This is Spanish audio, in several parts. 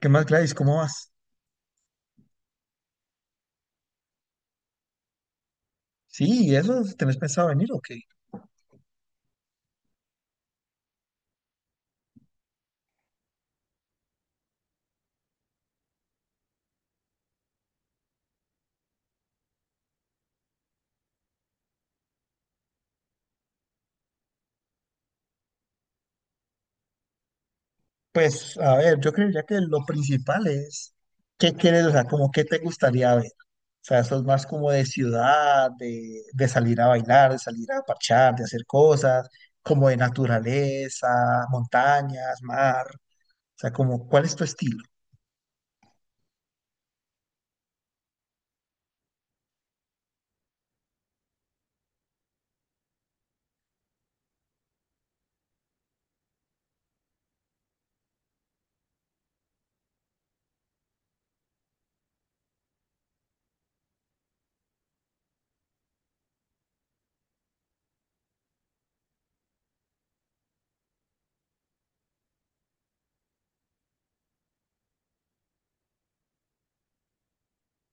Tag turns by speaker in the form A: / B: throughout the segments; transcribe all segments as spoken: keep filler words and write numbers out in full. A: ¿Qué más, Gladys? ¿Cómo vas? Sí, ¿y eso tenés pensado venir o qué? Pues, a ver, yo creería que lo principal es qué quieres, o sea, como qué te gustaría ver. O sea, eso es más como de ciudad, de, de salir a bailar, de salir a parchar, de hacer cosas, como de naturaleza, montañas, mar. O sea, como, ¿cuál es tu estilo?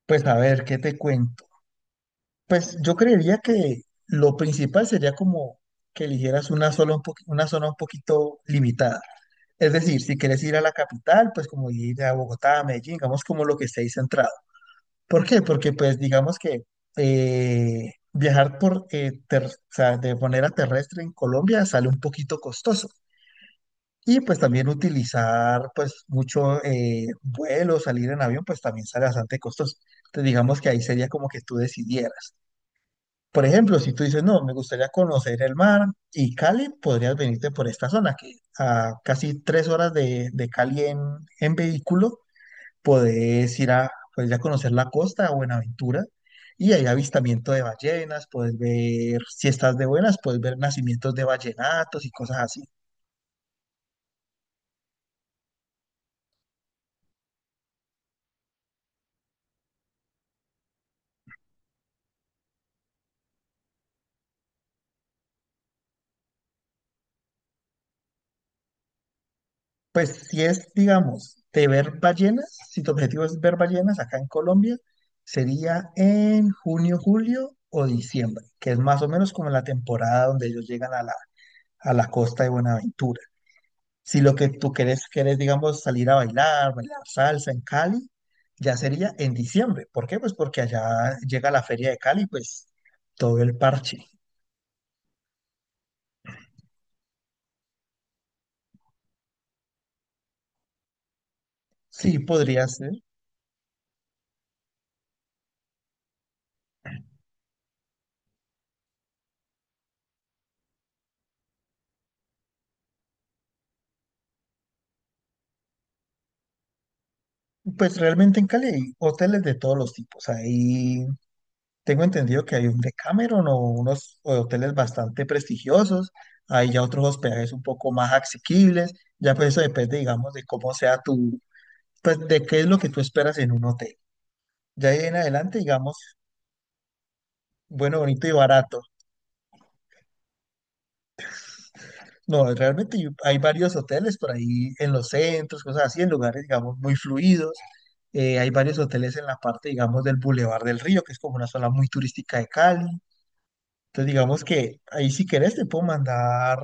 A: Pues, a ver, ¿qué te cuento? Pues, yo creería que lo principal sería como que eligieras una sola un poqui- una zona un poquito limitada. Es decir, si quieres ir a la capital, pues como ir a Bogotá, a Medellín, digamos como lo que esté ahí centrado. ¿Por qué? Porque pues digamos que eh, viajar por, eh, ter- o sea, de manera terrestre en Colombia sale un poquito costoso. Y pues también utilizar pues mucho eh, vuelo, salir en avión, pues también sale bastante costoso. Entonces digamos que ahí sería como que tú decidieras. Por ejemplo, si tú dices, no, me gustaría conocer el mar y Cali, podrías venirte por esta zona, que a casi tres horas de, de Cali en, en vehículo, podés ir a, podés ir a conocer la costa de Buenaventura y hay avistamiento de ballenas, puedes ver, si estás de buenas, puedes ver nacimientos de ballenatos y cosas así. Pues si es, digamos, de ver ballenas, si tu objetivo es ver ballenas acá en Colombia, sería en junio, julio o diciembre, que es más o menos como la temporada donde ellos llegan a la, a la costa de Buenaventura. Si lo que tú querés, querés, digamos, salir a bailar, bailar salsa en Cali, ya sería en diciembre. ¿Por qué? Pues porque allá llega la feria de Cali, pues todo el parche. Sí, podría ser. Pues realmente en Cali hay hoteles de todos los tipos. Ahí tengo entendido que hay un Decameron o unos hoteles bastante prestigiosos. Hay ya otros hospedajes un poco más asequibles. Ya pues eso depende, digamos, de cómo sea tu, pues de qué es lo que tú esperas en un hotel. Ya ahí en adelante, digamos, Bueno, bonito y barato. No, realmente yo- hay varios hoteles por ahí en los centros, cosas así, en lugares, digamos, muy fluidos. Eh, hay varios hoteles en la parte, digamos, del Boulevard del Río, que es como una zona muy turística de Cali. Entonces, digamos que ahí si querés te puedo mandar,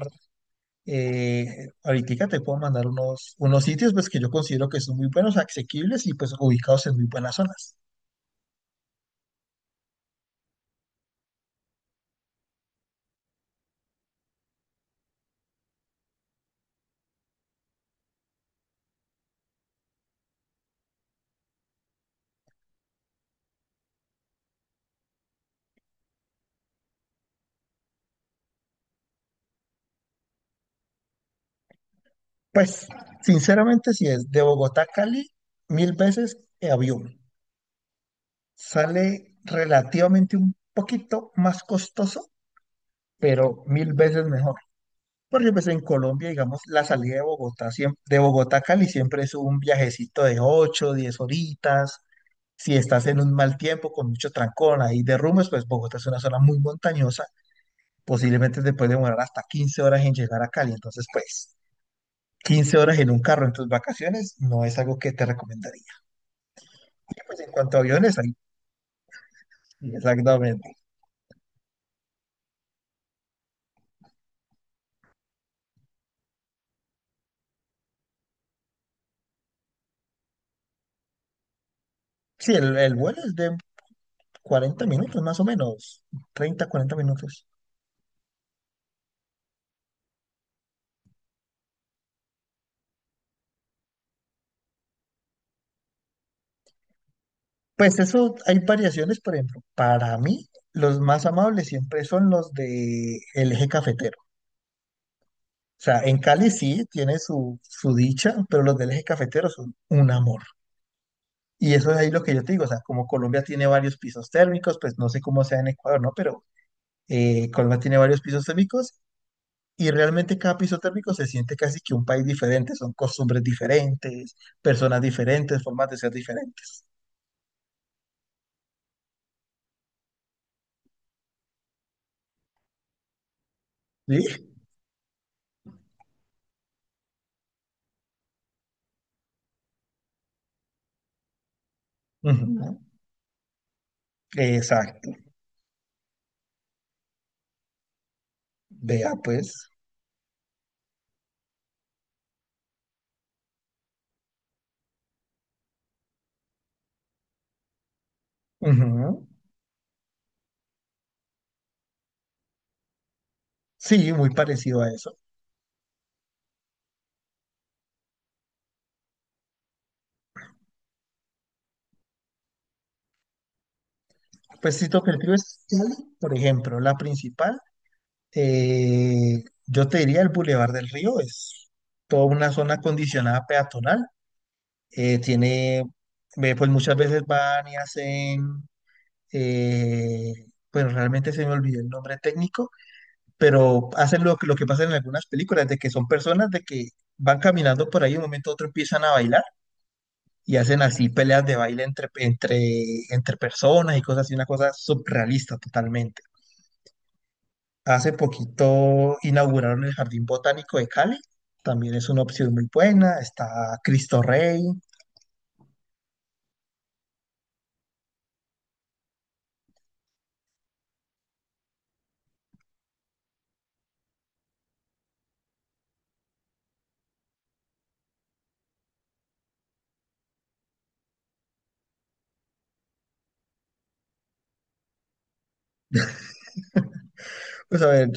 A: eh, ahorita te puedo mandar unos, unos sitios pues que yo considero que son muy buenos, asequibles y pues ubicados en muy buenas zonas. Pues, sinceramente, si es de Bogotá a Cali, mil veces eh, avión. sale relativamente un poquito más costoso, pero mil veces mejor. Porque pues en Colombia, digamos, la salida de Bogotá, siem- de Bogotá a Cali siempre es un viajecito de ocho, diez horitas. Si estás en un mal tiempo, con mucho trancón, ahí derrumbes, pues Bogotá es una zona muy montañosa. Posiblemente te puede demorar hasta quince horas en llegar a Cali. Entonces, pues, quince horas en un carro en tus vacaciones no es algo que te recomendaría. Pues en cuanto a aviones, ahí sí, exactamente. Sí, el, el vuelo es de cuarenta minutos más o menos, treinta cuarenta minutos. Pues eso, hay variaciones, por ejemplo, para mí los más amables siempre son los de el eje cafetero. O sea, en Cali sí tiene su, su dicha, pero los del eje cafetero son un amor. Y eso es ahí lo que yo te digo, o sea, como Colombia tiene varios pisos térmicos, pues no sé cómo sea en Ecuador, ¿no? Pero eh, Colombia tiene varios pisos térmicos y realmente cada piso térmico se siente casi que un país diferente, son costumbres diferentes, personas diferentes, formas de ser diferentes. ¿sí? Ujú. Exacto. Vea, pues. Ujú. Sí, muy parecido a eso. Pues si tu objetivo es Cali, por ejemplo, la principal, eh, yo te diría el Boulevard del Río, es toda una zona acondicionada peatonal. eh, tiene, ve, pues muchas veces van y hacen, eh, bueno, realmente se me olvidó el nombre técnico, pero hacen lo, que- lo que pasa en algunas películas, de que son personas de que van caminando por ahí y de un momento a otro empiezan a bailar y hacen así peleas de baile entre, entre, entre personas y cosas así, una cosa surrealista totalmente. Hace poquito inauguraron el Jardín Botánico de Cali, también es una opción muy buena, está Cristo Rey. Pues a ver,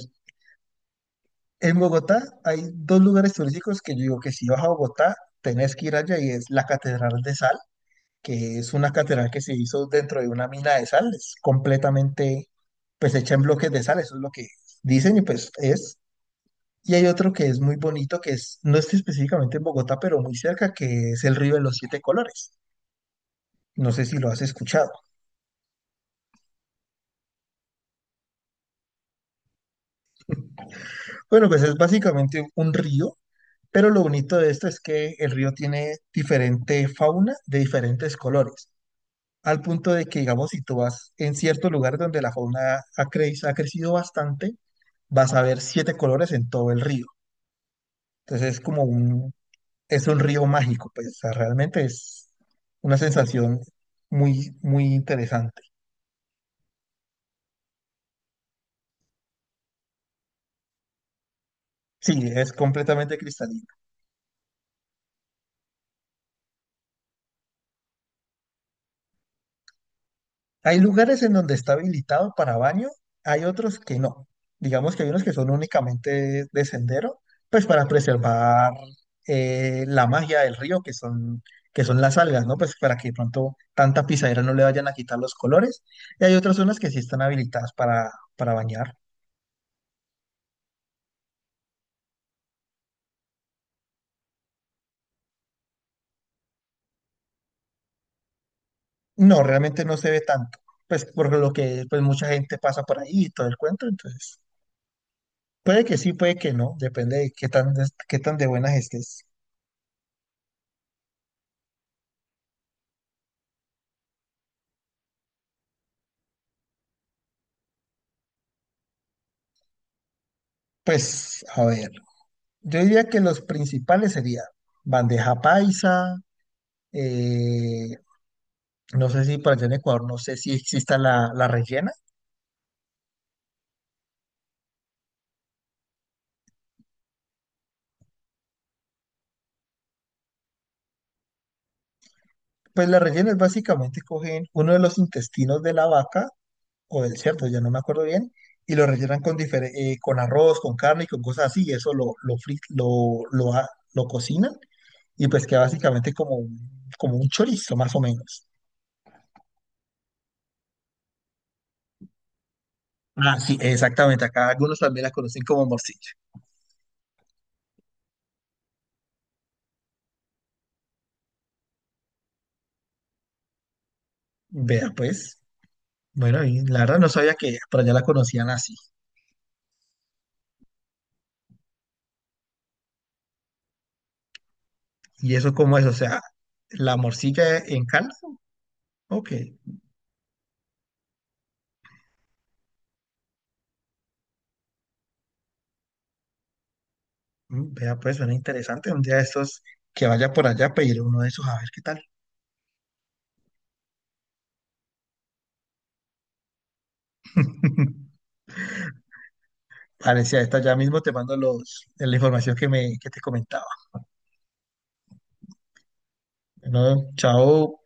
A: en Bogotá hay dos lugares turísticos que yo digo que si vas a Bogotá, tenés que ir allá y es la Catedral de Sal, que es una catedral que se hizo dentro de una mina de sal, es completamente pues hecha en bloques de sal, eso es lo que dicen y pues es. Y hay otro que es muy bonito, que es, no está específicamente en Bogotá, pero muy cerca, que es el río de los siete colores. No sé si lo has escuchado. Bueno, pues es básicamente un río, pero lo bonito de esto es que el río tiene diferente fauna de diferentes colores, al punto de que, digamos, si tú vas en cierto lugar donde la fauna ha, cre- ha crecido bastante, vas a ver siete colores en todo el río. Entonces es como un, es un río mágico, pues o sea, realmente es una sensación muy, muy interesante. Sí, es completamente cristalino. Hay lugares en donde está habilitado para baño, hay otros que no. Digamos que hay unos que son únicamente de sendero, pues para preservar eh, la magia del río, que son, que son las algas, ¿no? Pues para que de pronto tanta pisadera no le vayan a quitar los colores. Y hay otras zonas que sí están habilitadas para, para bañar. No, realmente no se ve tanto. Pues por lo que pues mucha gente pasa por ahí y todo el cuento, entonces puede que sí, puede que no, depende de qué tan, des- qué tan de buenas estés. Pues, a ver, yo diría que los principales serían bandeja paisa, eh, no sé si para allá en Ecuador, no sé si exista la, la rellena. Pues la rellena es básicamente cogen uno de los intestinos de la vaca o del cerdo, ya no me acuerdo bien, y lo rellenan con, difer- eh, con arroz, con carne y con cosas así, y eso lo, lo, fri- lo, lo, a- lo cocinan y pues queda básicamente como un, como un chorizo, más o menos. Ah, sí, exactamente, acá algunos también la conocen como morcilla. Vea, pues. Bueno, y la verdad no sabía que por allá la conocían así. ¿Y eso cómo es? O sea, ¿la morcilla en Canadá? Ok. Mm, Vea, pues suena interesante. Un día de estos que vaya por allá, pediré uno de esos a ver qué tal. Parecía esta ya mismo te mando los, la información que me que te comentaba. Bueno, chao.